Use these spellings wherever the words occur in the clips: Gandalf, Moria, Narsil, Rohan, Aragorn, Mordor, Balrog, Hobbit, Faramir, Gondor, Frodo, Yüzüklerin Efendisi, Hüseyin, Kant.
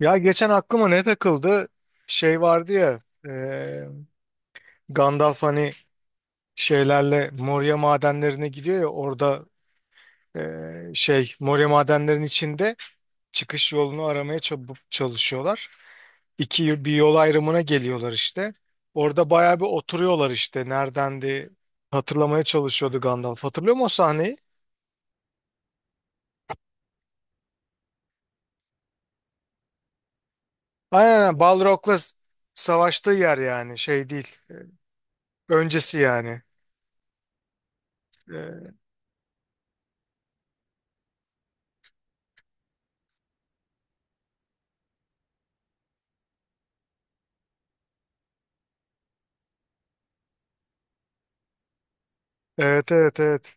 Ya geçen aklıma ne takıldı? Şey vardı ya, e, Gandalf hani şeylerle Moria madenlerine gidiyor ya orada, e, şey Moria madenlerin içinde çıkış yolunu aramaya çalışıyorlar. İki bir yol ayrımına geliyorlar işte. Orada bayağı bir oturuyorlar işte, neredendi hatırlamaya çalışıyordu Gandalf. Hatırlıyor musun o sahneyi? Aynen, aynen. Balrog'la savaştığı yer, yani şey değil. Öncesi yani. E, evet, evet, evet.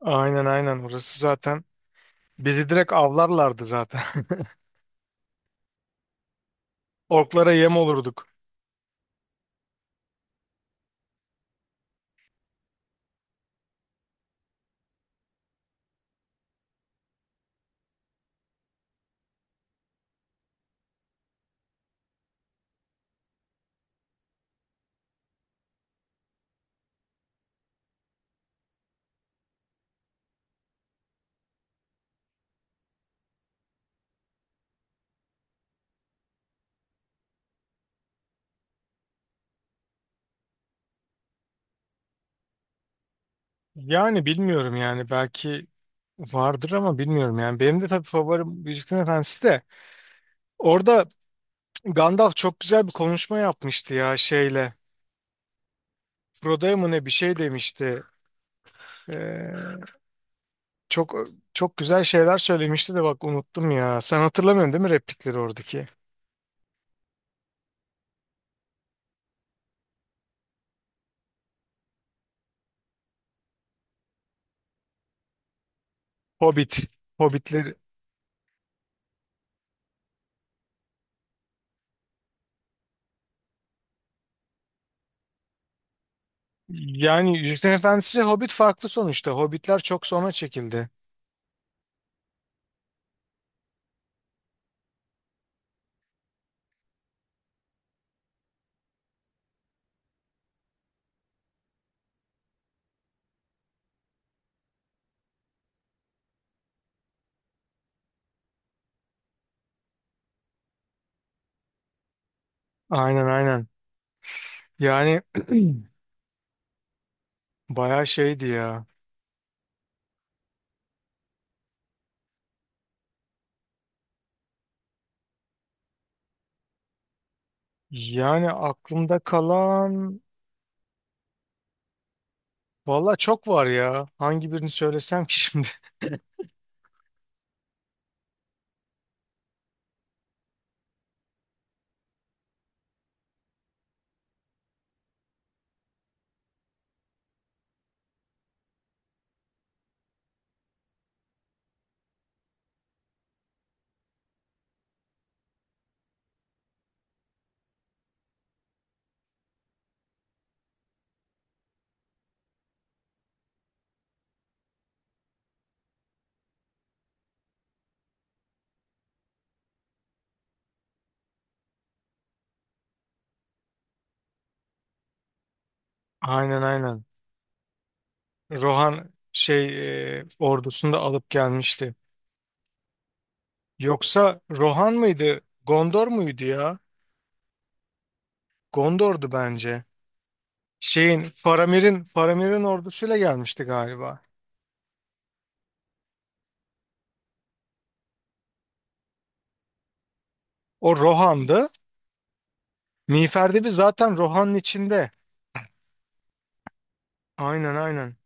Aynen, aynen, orası zaten bizi direkt avlarlardı zaten. Orklara yem olurduk. Yani bilmiyorum yani, belki vardır ama bilmiyorum yani. Benim de tabii favorim Yüzüklerin Efendisi de. Orada Gandalf çok güzel bir konuşma yapmıştı ya şeyle. Frodo'ya mı ne bir şey demişti. Ee, çok çok güzel şeyler söylemişti de bak unuttum ya. Sen hatırlamıyorsun değil mi replikleri oradaki? Hobbit. Hobbitleri. Yani Yüzüklerin Efendisi Hobbit farklı sonuçta. Hobbitler çok sonra çekildi. Aynen, aynen. Yani bayağı şeydi ya. Yani aklımda kalan valla çok var ya. Hangi birini söylesem ki şimdi? Aynen, aynen. Rohan şey ordusunu da alıp gelmişti. Yoksa Rohan mıydı? Gondor muydu ya? Gondor'du bence. Şeyin Faramir'in ordusuyla gelmişti galiba. O Rohan'dı. Miğfer de bir zaten Rohan'ın içinde. Aynen, aynen.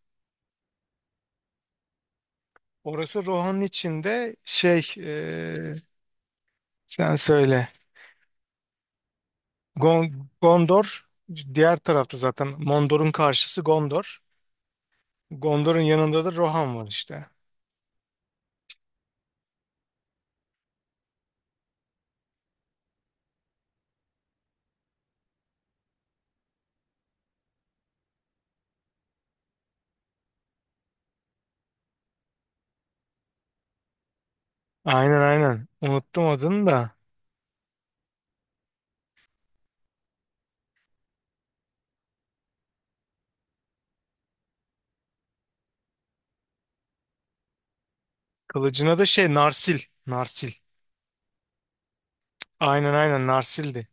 Orası Rohan'ın içinde şey, sen söyle. Gondor diğer tarafta zaten. Mondor'un karşısı Gondor. Gondor'un yanında da Rohan var işte. Aynen, aynen. Unuttum adını da. Kılıcına da şey, Narsil. Narsil. Aynen, aynen, Narsil'di.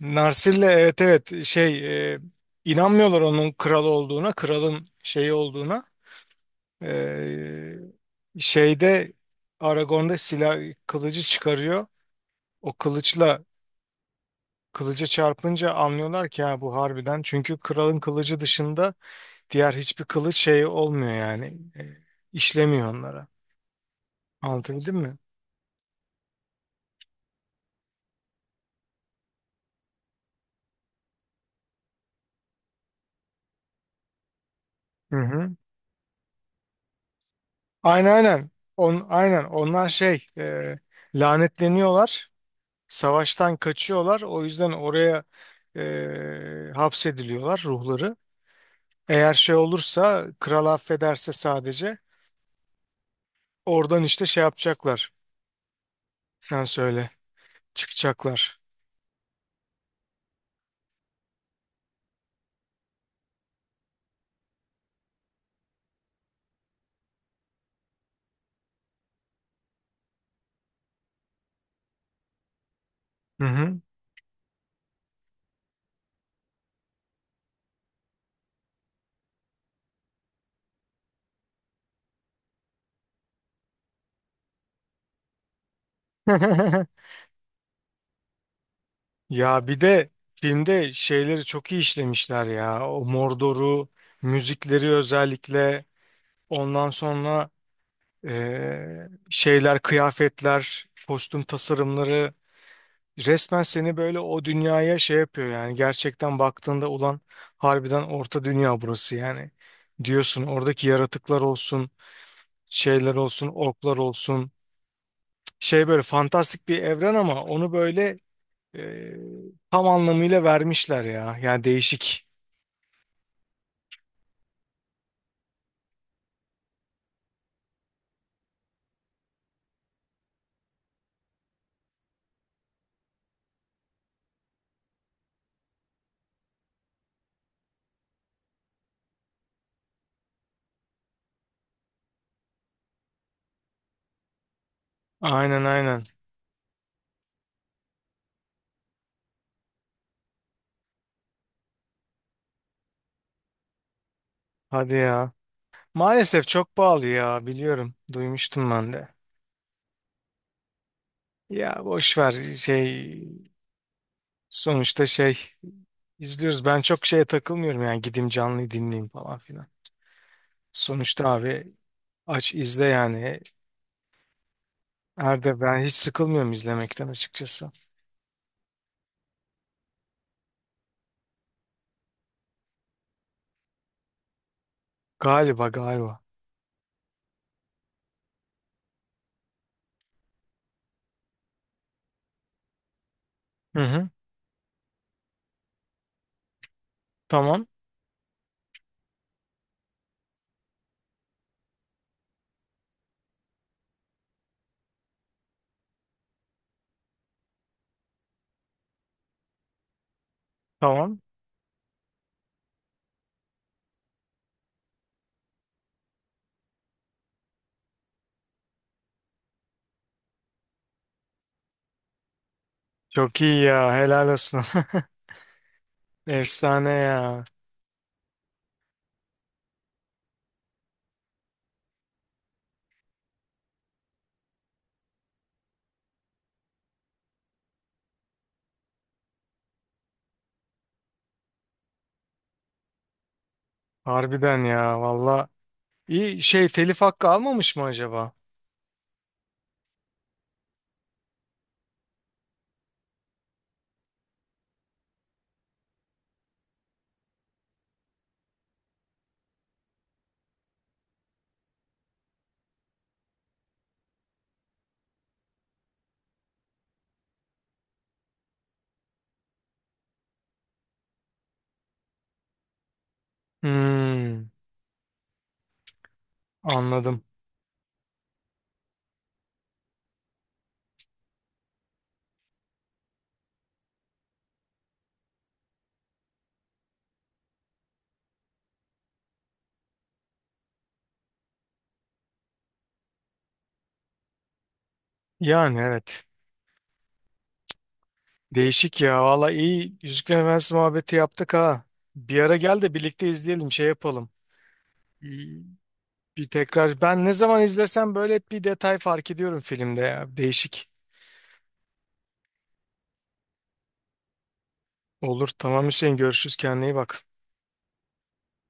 Narsil'le, evet, evet, şey, inanmıyorlar onun kral olduğuna, kralın şeyi olduğuna. E, şeyde, Aragorn'da silah kılıcı çıkarıyor. O kılıçla, kılıca çarpınca anlıyorlar ki ha bu harbiden. Çünkü kralın kılıcı dışında diğer hiçbir kılıç şey olmuyor yani. E, işlemiyor onlara. Anlatabildim mi? Hı hı. Aynen, aynen. Aynen onlar şey, lanetleniyorlar. Savaştan kaçıyorlar. O yüzden oraya hapsediliyorlar ruhları. Eğer şey olursa, kral affederse sadece oradan işte şey yapacaklar. Sen söyle. Çıkacaklar. Hı hı. Ya bir de filmde şeyleri çok iyi işlemişler ya. O Mordor'u, müzikleri özellikle. Ondan sonra şeyler, kıyafetler, kostüm tasarımları resmen seni böyle o dünyaya şey yapıyor yani. Gerçekten baktığında ulan harbiden orta dünya burası yani. Diyorsun oradaki yaratıklar olsun, şeyler olsun, orklar olsun. Şey böyle fantastik bir evren ama onu böyle, eee, tam anlamıyla vermişler ya. Yani değişik. Aynen, aynen. Hadi ya. Maalesef çok pahalı ya, biliyorum. Duymuştum ben de. Ya boş ver, şey sonuçta, şey izliyoruz. Ben çok şeye takılmıyorum yani, gideyim canlıyı dinleyeyim falan filan. Sonuçta abi aç izle yani. Herde ben hiç sıkılmıyorum izlemekten açıkçası. Galiba, galiba. Hı hı. Tamam, tamam. Çok iyi ya, helal olsun. Efsane ya. Harbiden ya, valla. İyi şey, telif hakkı almamış mı acaba? Hmm, anladım. Yani evet. Değişik ya. Valla iyi, Yüzüklerin Efendisi muhabbeti yaptık ha. Bir ara gel de birlikte izleyelim, şey yapalım. Bir, bir tekrar ben ne zaman izlesem böyle hep bir detay fark ediyorum filmde ya. Değişik. Olur tamam Hüseyin, görüşürüz, kendine iyi bak.